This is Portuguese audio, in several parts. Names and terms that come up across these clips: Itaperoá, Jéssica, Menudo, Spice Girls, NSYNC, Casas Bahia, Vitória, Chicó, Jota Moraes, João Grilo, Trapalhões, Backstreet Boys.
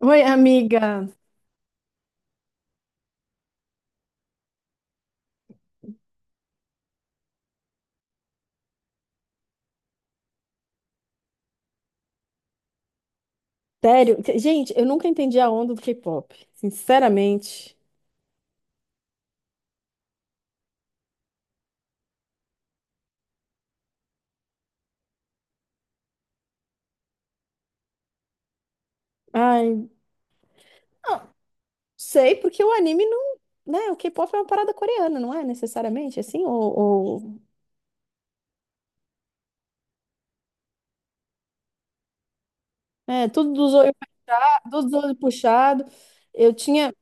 Oi, amiga. Sério? Gente, eu nunca entendi a onda do K-pop. Sinceramente. Ai, não sei, porque o anime não, né? O K-pop é uma parada coreana, não é necessariamente assim? Ou- É, tudo dos olhos puxados. Eu tinha.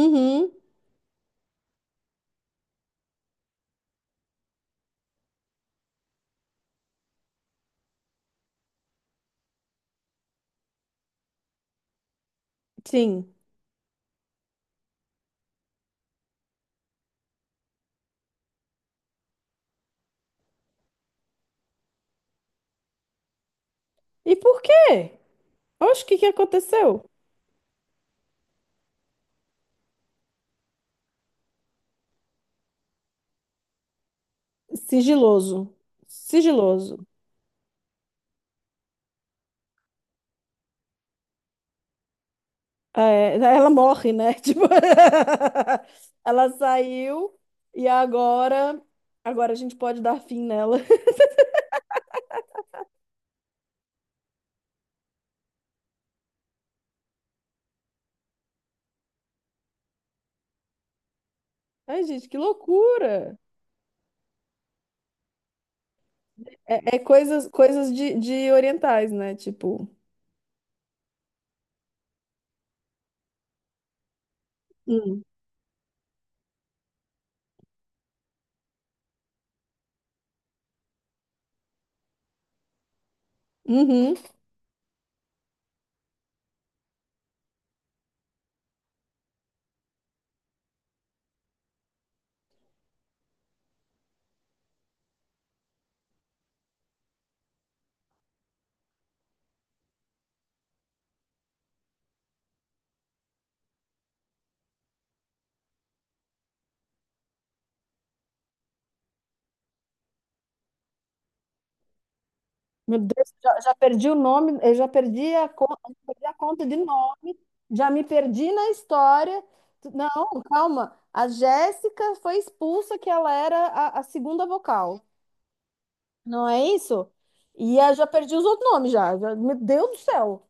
Uhum, sim. E por quê? Oxe, o que que aconteceu? Sigiloso. Sigiloso. É, ela morre, né? Tipo, ela saiu e agora a gente pode dar fim nela. Ai, gente, que loucura! É, é coisas de orientais, né? Tipo, Hum. Uhum. Meu Deus, já perdi o nome, eu já perdi eu perdi a conta de nome, já me perdi na história. Não, calma. A Jéssica foi expulsa, que ela era a segunda vocal. Não é isso? E eu já perdi os outros nomes Meu Deus do céu.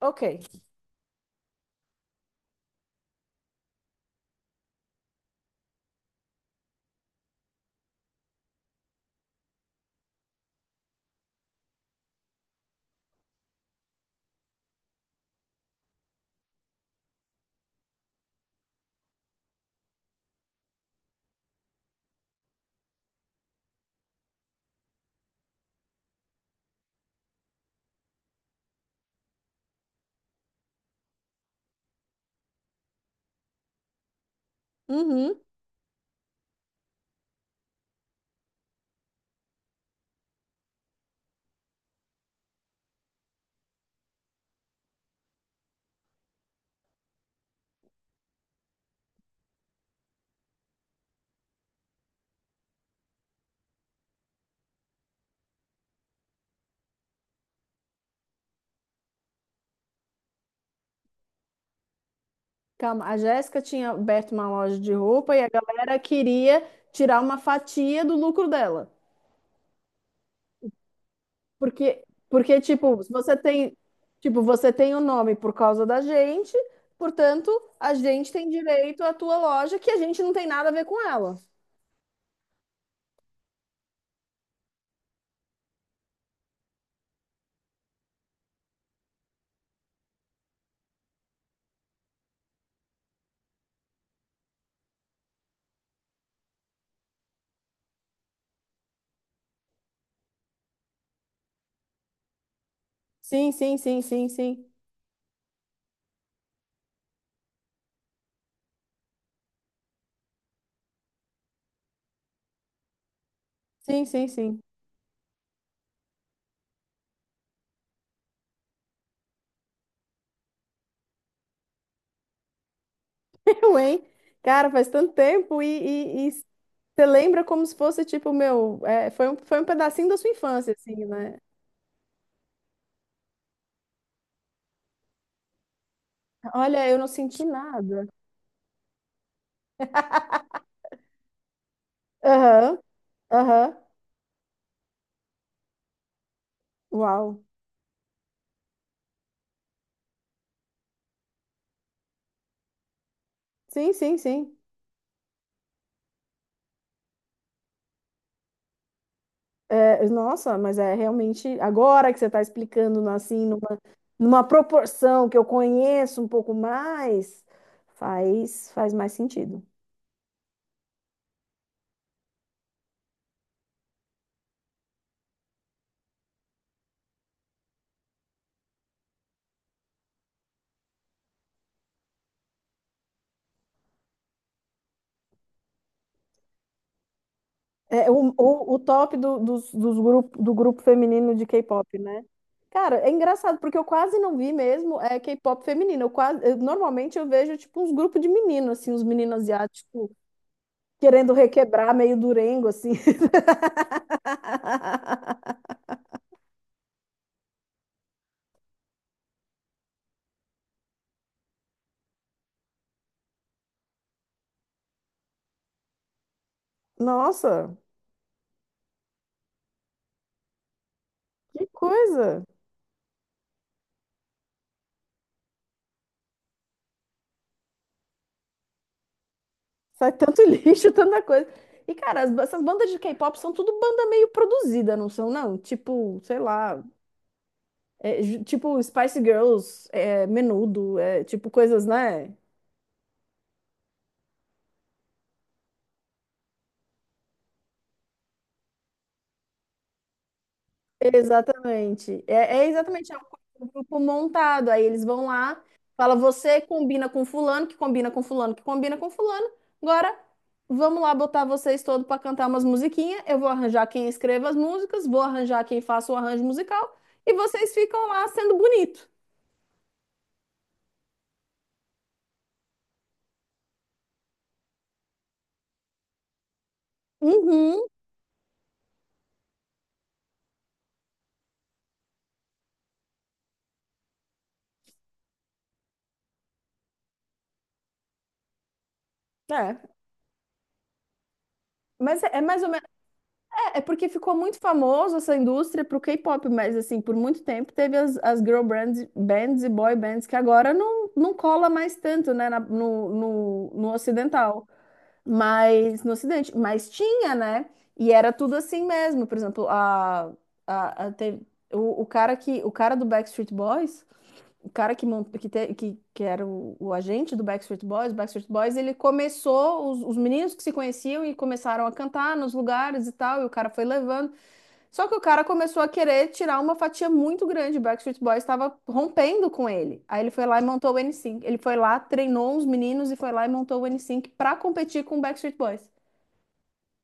Ok. Uhum. Calma. A Jéssica tinha aberto uma loja de roupa e a galera queria tirar uma fatia do lucro dela. Porque, porque tipo, se você tem, tipo, você tem o nome por causa da gente, portanto, a gente tem direito à tua loja que a gente não tem nada a ver com ela. Sim, sim, sim, sim, sim. Sim, sim, sim. Eu, hein? Cara, faz tanto tempo e você lembra como se fosse, tipo, meu, é, foi um pedacinho da sua infância, assim, né? Olha, eu não senti nada. Aham, aham, uau. Sim, sim, sim. É, nossa, mas é realmente, agora que você está explicando, né, assim, numa proporção que eu conheço um pouco mais, faz mais sentido. É o o top do do grupo feminino de K-pop, né? Cara, é engraçado, porque eu quase não vi mesmo é, K-pop feminino. Normalmente eu vejo, tipo, uns grupos de menino, assim, uns meninos asiáticos querendo requebrar meio durengo, assim. Nossa, que coisa! Sai tanto lixo, tanta coisa. E, cara, essas bandas de K-pop são tudo banda meio produzida, não são, não? Tipo, sei lá, tipo Spice Girls, é, Menudo, é, tipo coisas, né? Exatamente. É, é exatamente, um grupo montado. Aí eles vão lá, fala, você combina com fulano, que combina com fulano, que combina com fulano. Agora, vamos lá botar vocês todos para cantar umas musiquinhas. Eu vou arranjar quem escreva as músicas, vou arranjar quem faça o arranjo musical, e vocês ficam lá sendo bonito. Uhum, é. Mas é, é mais ou é porque ficou muito famoso essa indústria pro K-pop, mas assim, por muito tempo teve as girl bands e boy bands que agora não cola mais tanto, né, no ocidental, mas no ocidente, mas tinha, né? E era tudo assim mesmo. Por exemplo, a, a te- o cara que o cara do Backstreet Boys, o cara que mont, que, te- que era o agente do Backstreet Boys, ele começou os meninos que se conheciam e começaram a cantar nos lugares e tal, e o cara foi levando, só que o cara começou a querer tirar uma fatia muito grande. O Backstreet Boys estava rompendo com ele. Aí ele foi lá e montou o n NSYNC. Ele foi lá, treinou uns meninos e foi lá e montou o n NSYNC para competir com o Backstreet Boys.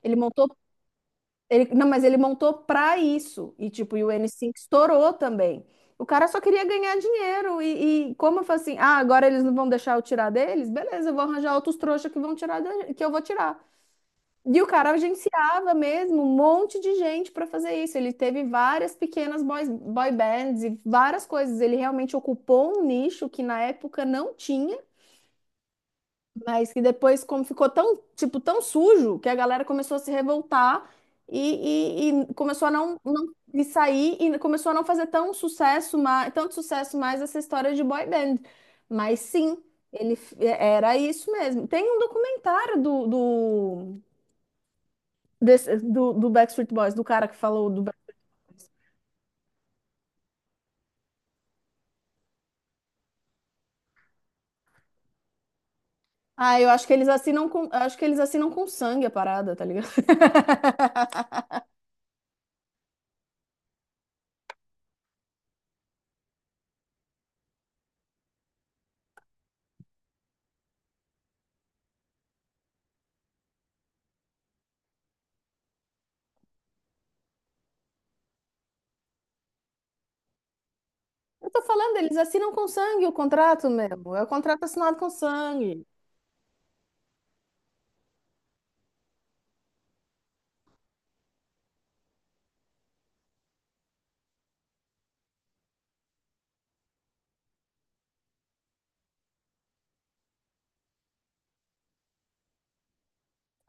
Ele montou, não, mas ele montou para isso. E tipo, e o NSYNC estourou também. O cara só queria ganhar dinheiro e como eu falei assim, ah, agora eles não vão deixar eu tirar deles? Beleza, eu vou arranjar outros trouxas que vão tirar que eu vou tirar. E o cara agenciava mesmo um monte de gente para fazer isso. Ele teve várias pequenas boy bands e várias coisas. Ele realmente ocupou um nicho que na época não tinha, mas que depois, como ficou tão, tipo, tão sujo, que a galera começou a se revoltar e começou a não, não e sair e começou a não fazer tanto sucesso mais essa história de boy band. Mas sim, era isso mesmo. Tem um documentário do Backstreet Boys, do cara que falou do Backstreet Boys. Ah, eu acho que acho que eles assinam com sangue a parada, tá ligado? Eu tô falando, eles assinam com sangue o contrato mesmo. É o contrato assinado com sangue.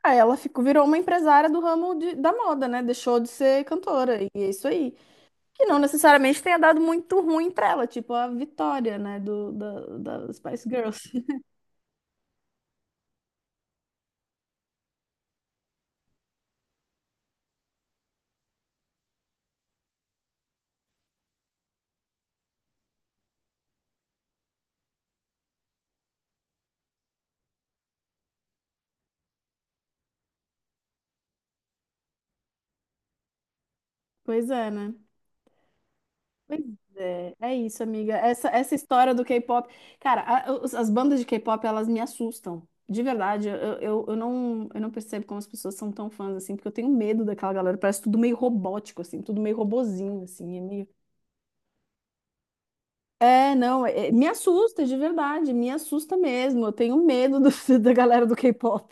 Aí ela ficou, virou uma empresária do ramo da moda, né? Deixou de ser cantora. E é isso aí. Que não necessariamente tenha dado muito ruim pra ela, tipo a Vitória, né? Da Spice Girls. Pois é, né? Pois é, é isso, amiga. Essa história do K-pop. Cara, as bandas de K-pop, elas me assustam. De verdade, eu não percebo como as pessoas são tão fãs assim, porque eu tenho medo daquela galera. Parece tudo meio robótico, assim, tudo meio robozinho, assim. É, meio... é não, é- é, me assusta, de verdade, me assusta mesmo. Eu tenho medo da galera do K-pop.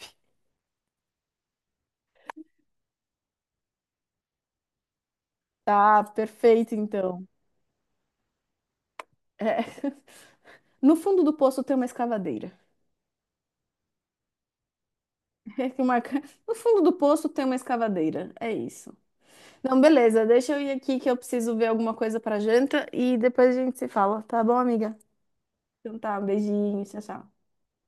Tá, perfeito, então. É. No fundo do poço tem uma escavadeira. É que uma ca- No fundo do poço tem uma escavadeira. É isso. Não, beleza. Deixa eu ir aqui que eu preciso ver alguma coisa pra janta e depois a gente se fala, tá bom, amiga? Então tá, um beijinho, tchau, tchau.